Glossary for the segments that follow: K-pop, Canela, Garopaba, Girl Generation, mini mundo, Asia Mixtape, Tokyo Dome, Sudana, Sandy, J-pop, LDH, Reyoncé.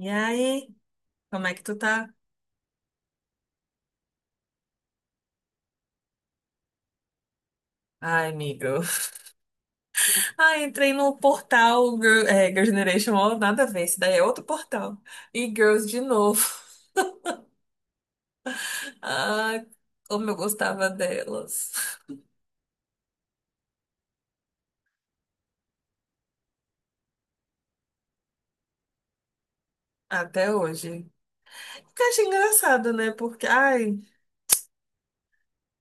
E aí, como é que tu tá? Ai, amigo. Ai, entrei no portal Girl, é, Girl Generation, ó, nada a ver, isso daí é outro portal. E Girls de novo. Ai, como eu gostava delas. Até hoje. Porque eu achei engraçado, né? Porque, ai,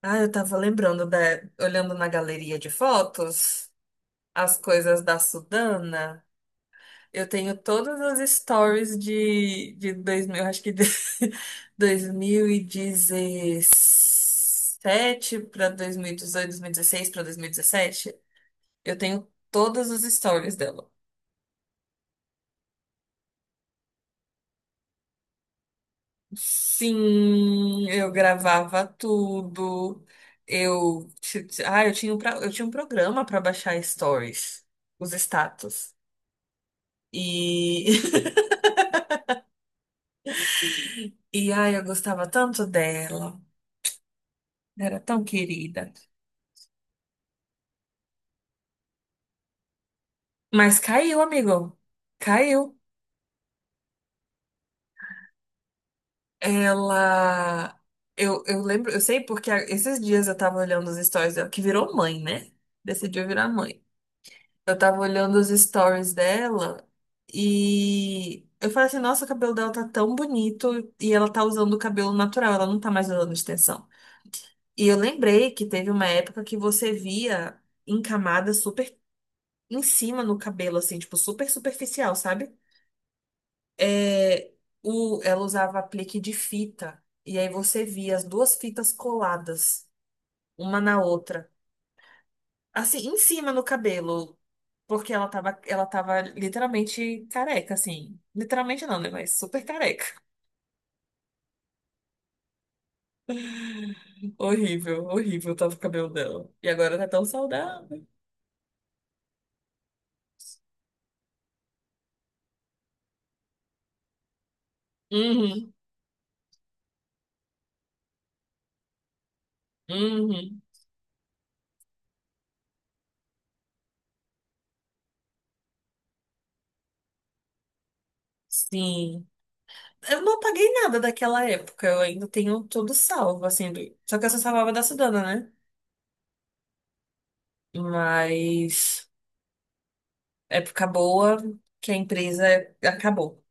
ai, eu tava lembrando, olhando na galeria de fotos, as coisas da Sudana. Eu tenho todas as stories de 2000, acho que de 2017 para 2018, 2016 para 2017. Eu tenho todas as stories dela. Sim, eu gravava tudo. Eu, ti- ti- ah, eu tinha um programa para baixar stories, os status. E, e ai, eu gostava tanto dela. Era tão querida. Mas caiu, amigo. Caiu. Ela. Eu lembro, eu sei porque esses dias eu tava olhando os stories dela, que virou mãe, né? Decidiu virar mãe. Eu tava olhando os stories dela e eu falei assim: nossa, o cabelo dela tá tão bonito e ela tá usando o cabelo natural, ela não tá mais usando extensão. E eu lembrei que teve uma época que você via em camada super em cima no cabelo, assim, tipo, super superficial, sabe? é, ela usava aplique de fita. E aí você via as duas fitas coladas, uma na outra. Assim, em cima no cabelo. Porque ela tava literalmente careca, assim. Literalmente não, né? Mas super careca. Horrível, horrível tava o cabelo dela. E agora tá tão saudável. Uhum, uhum. Sim. Eu não apaguei nada daquela época. Eu ainda tenho tudo salvo, assim. Só que eu só salvava da Sudana, né? Mas. Época boa que a empresa acabou.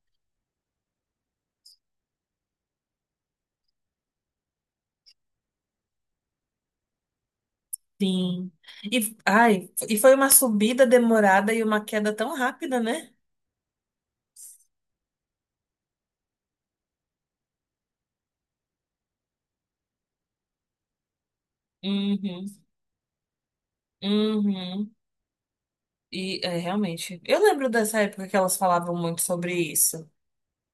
Sim. E, ai, e foi uma subida demorada e uma queda tão rápida, né? Uhum. Uhum. E é, realmente. Eu lembro dessa época que elas falavam muito sobre isso,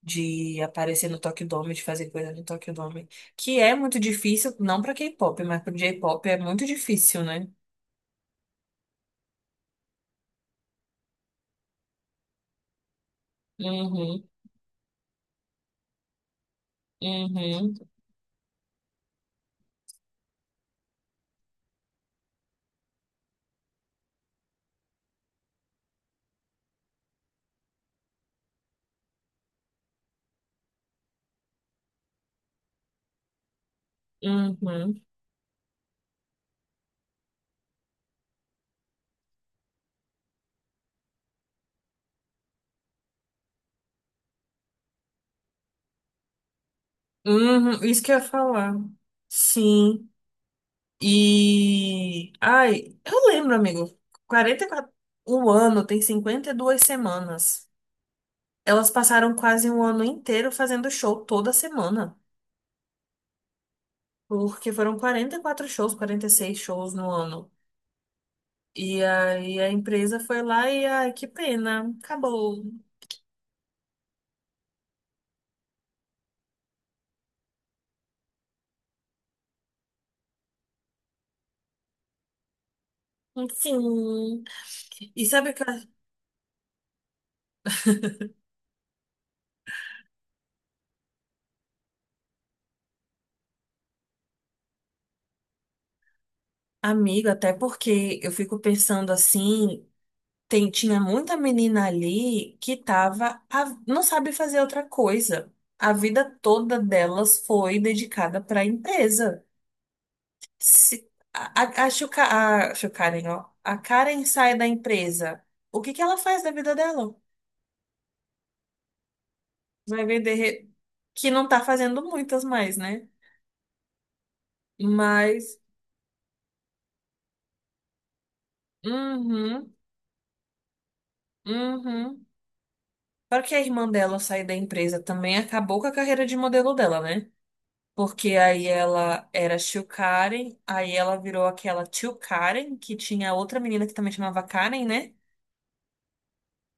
de aparecer no Tokyo Dome, de fazer coisa no Tokyo Dome, que é muito difícil, não pra K-pop, mas pro J-pop é muito difícil, né? Uhum, uhum, uhum, uhum. Isso que eu ia falar. Sim. E. Ai, eu lembro, amigo. 44. O ano tem 52 semanas. Elas passaram quase um ano inteiro fazendo show toda semana. Porque foram 44 shows, 46 shows no ano. E aí a empresa foi lá e, ai, que pena, acabou. Enfim. E sabe que, amigo, até porque eu fico pensando assim. Tinha muita menina ali que tava, não sabe fazer outra coisa. A vida toda delas foi dedicada para a empresa. Se, a, a, Chu Karen, ó, a Karen sai da empresa. O que que ela faz da vida dela? Vai vender que não tá fazendo muitas mais, né? Mas, uhum, uhum. Claro que a irmã dela sair da empresa também acabou com a carreira de modelo dela, né? Porque aí ela era Shio Karen, aí ela virou aquela Tio Karen, que tinha outra menina que também chamava Karen, né?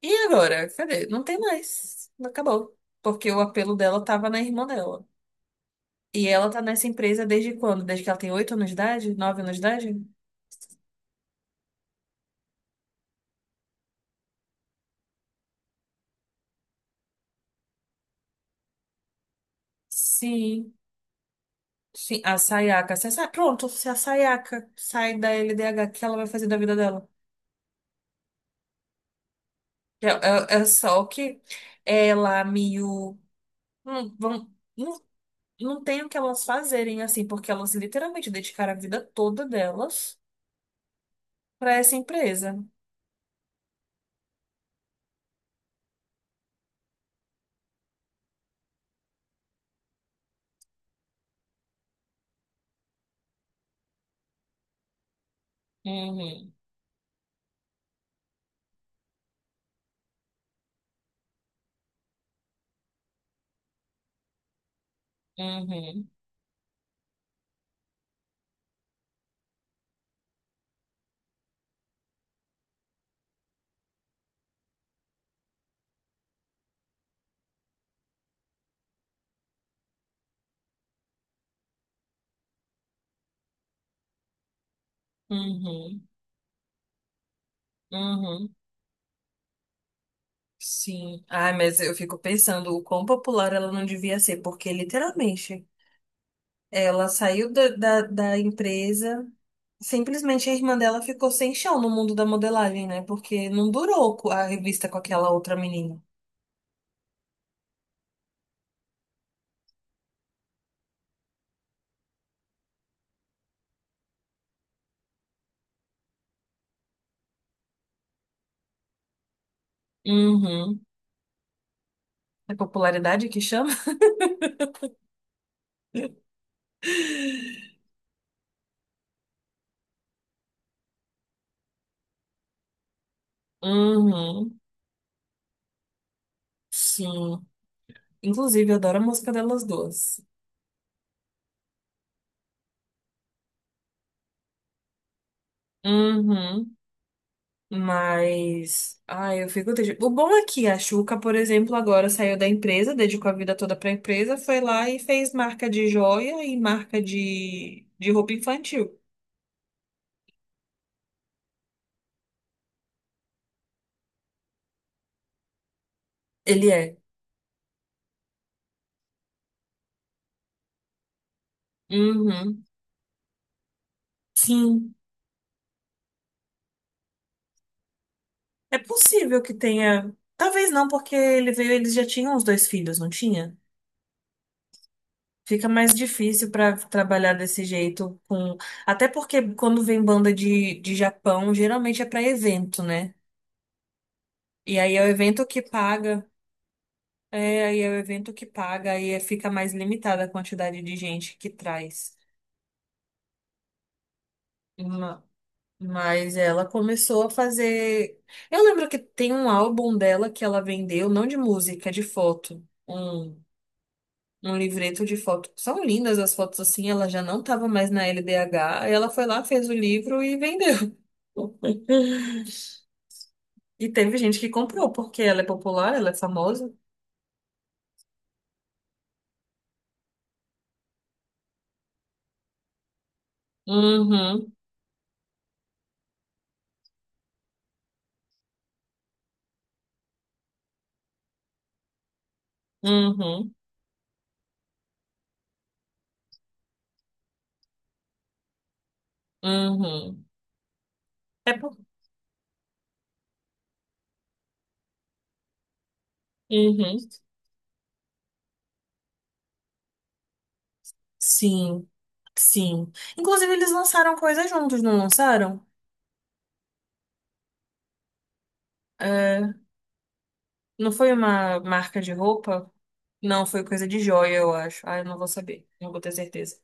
E agora? Cadê? Não tem mais. Acabou. Porque o apelo dela tava na irmã dela. E ela tá nessa empresa desde quando? Desde que ela tem 8 anos de idade? 9 anos de idade? Sim. Sim, a Sayaka. Pronto, se a Sayaka sai da LDH, o que ela vai fazer da vida dela? É, é é só que ela, Miyu. Vamos. Não tem o que elas fazerem, assim, porque elas literalmente dedicaram a vida toda delas para essa empresa. Uhum, uhum, uhum, uhum. Sim. Ai, mas eu fico pensando o quão popular ela não devia ser, porque literalmente ela saiu da empresa, simplesmente a irmã dela ficou sem chão no mundo da modelagem, né? Porque não durou a revista com aquela outra menina. Uhum. É popularidade que chama? Uhum. Sim. Inclusive, eu adoro a música delas duas. Uhum. Mas, ai, eu fico triste. O bom é que a Xuca, por exemplo, agora saiu da empresa, dedicou a vida toda pra empresa, foi lá e fez marca de joia e marca de roupa infantil. Ele é. Uhum. Sim. É possível que tenha. Talvez não, porque ele veio, eles já tinham os dois filhos, não tinha? Fica mais difícil para trabalhar desse jeito com. Até porque quando vem banda de Japão, geralmente é para evento, né? E aí é o evento que paga. É, aí é o evento que paga, fica mais limitada a quantidade de gente que traz. Ma- Mas ela começou a fazer. Eu lembro que tem um álbum dela que ela vendeu, não de música, de foto. Um livreto de foto. São lindas as fotos assim, ela já não estava mais na LDH, aí ela foi lá, fez o livro e vendeu. E teve gente que comprou, porque ela é popular, ela é famosa. Uhum, uhum, uhum. É por. Uhum. Sim, sim. Inclusive, eles lançaram coisas juntos, não lançaram? É, não foi uma marca de roupa? Não, foi coisa de joia, eu acho. Ah, eu não vou saber, não vou ter certeza.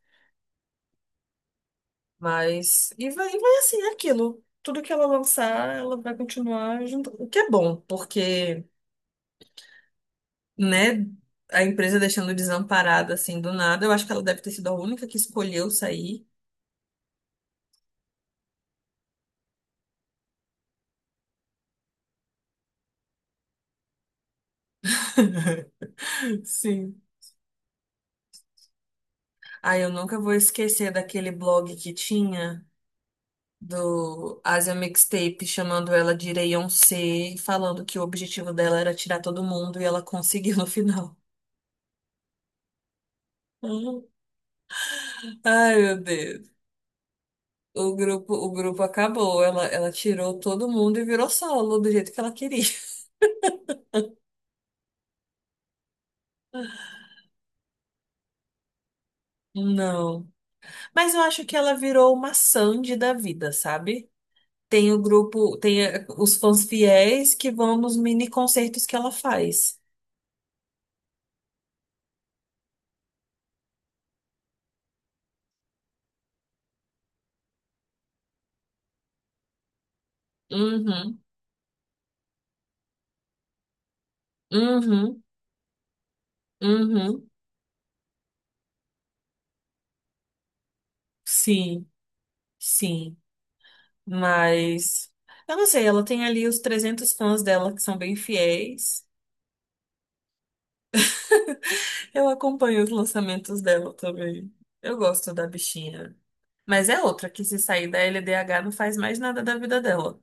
Mas. E vai assim, é aquilo. Tudo que ela lançar, ela vai continuar junto. O que é bom, porque. Né? A empresa deixando desamparada assim do nada. Eu acho que ela deve ter sido a única que escolheu sair. Sim. Ai, eu nunca vou esquecer daquele blog que tinha do Asia Mixtape chamando ela de Reyoncé, falando que o objetivo dela era tirar todo mundo e ela conseguiu no final. Hum. Ai, meu Deus. O grupo acabou. Ela tirou todo mundo e virou solo do jeito que ela queria. Não. Mas eu acho que ela virou uma Sandy da vida, sabe? Tem o grupo, tem os fãs fiéis que vão nos mini concertos que ela faz. Uhum, uhum, uhum. Sim, sim. Mas eu não sei, ela tem ali os 300 fãs dela que são bem fiéis. Eu acompanho os lançamentos dela também. Eu gosto da bichinha. Mas é outra que se sair da LDH não faz mais nada da vida dela.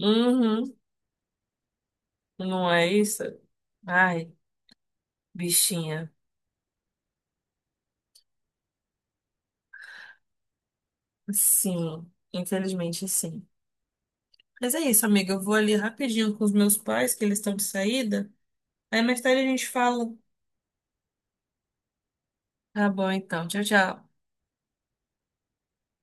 Uhum, não é isso? Ai, bichinha. Sim, infelizmente sim. Mas é isso, amiga. Eu vou ali rapidinho com os meus pais, que eles estão de saída. Aí mais tarde a gente fala. Tá bom, então. Tchau, tchau.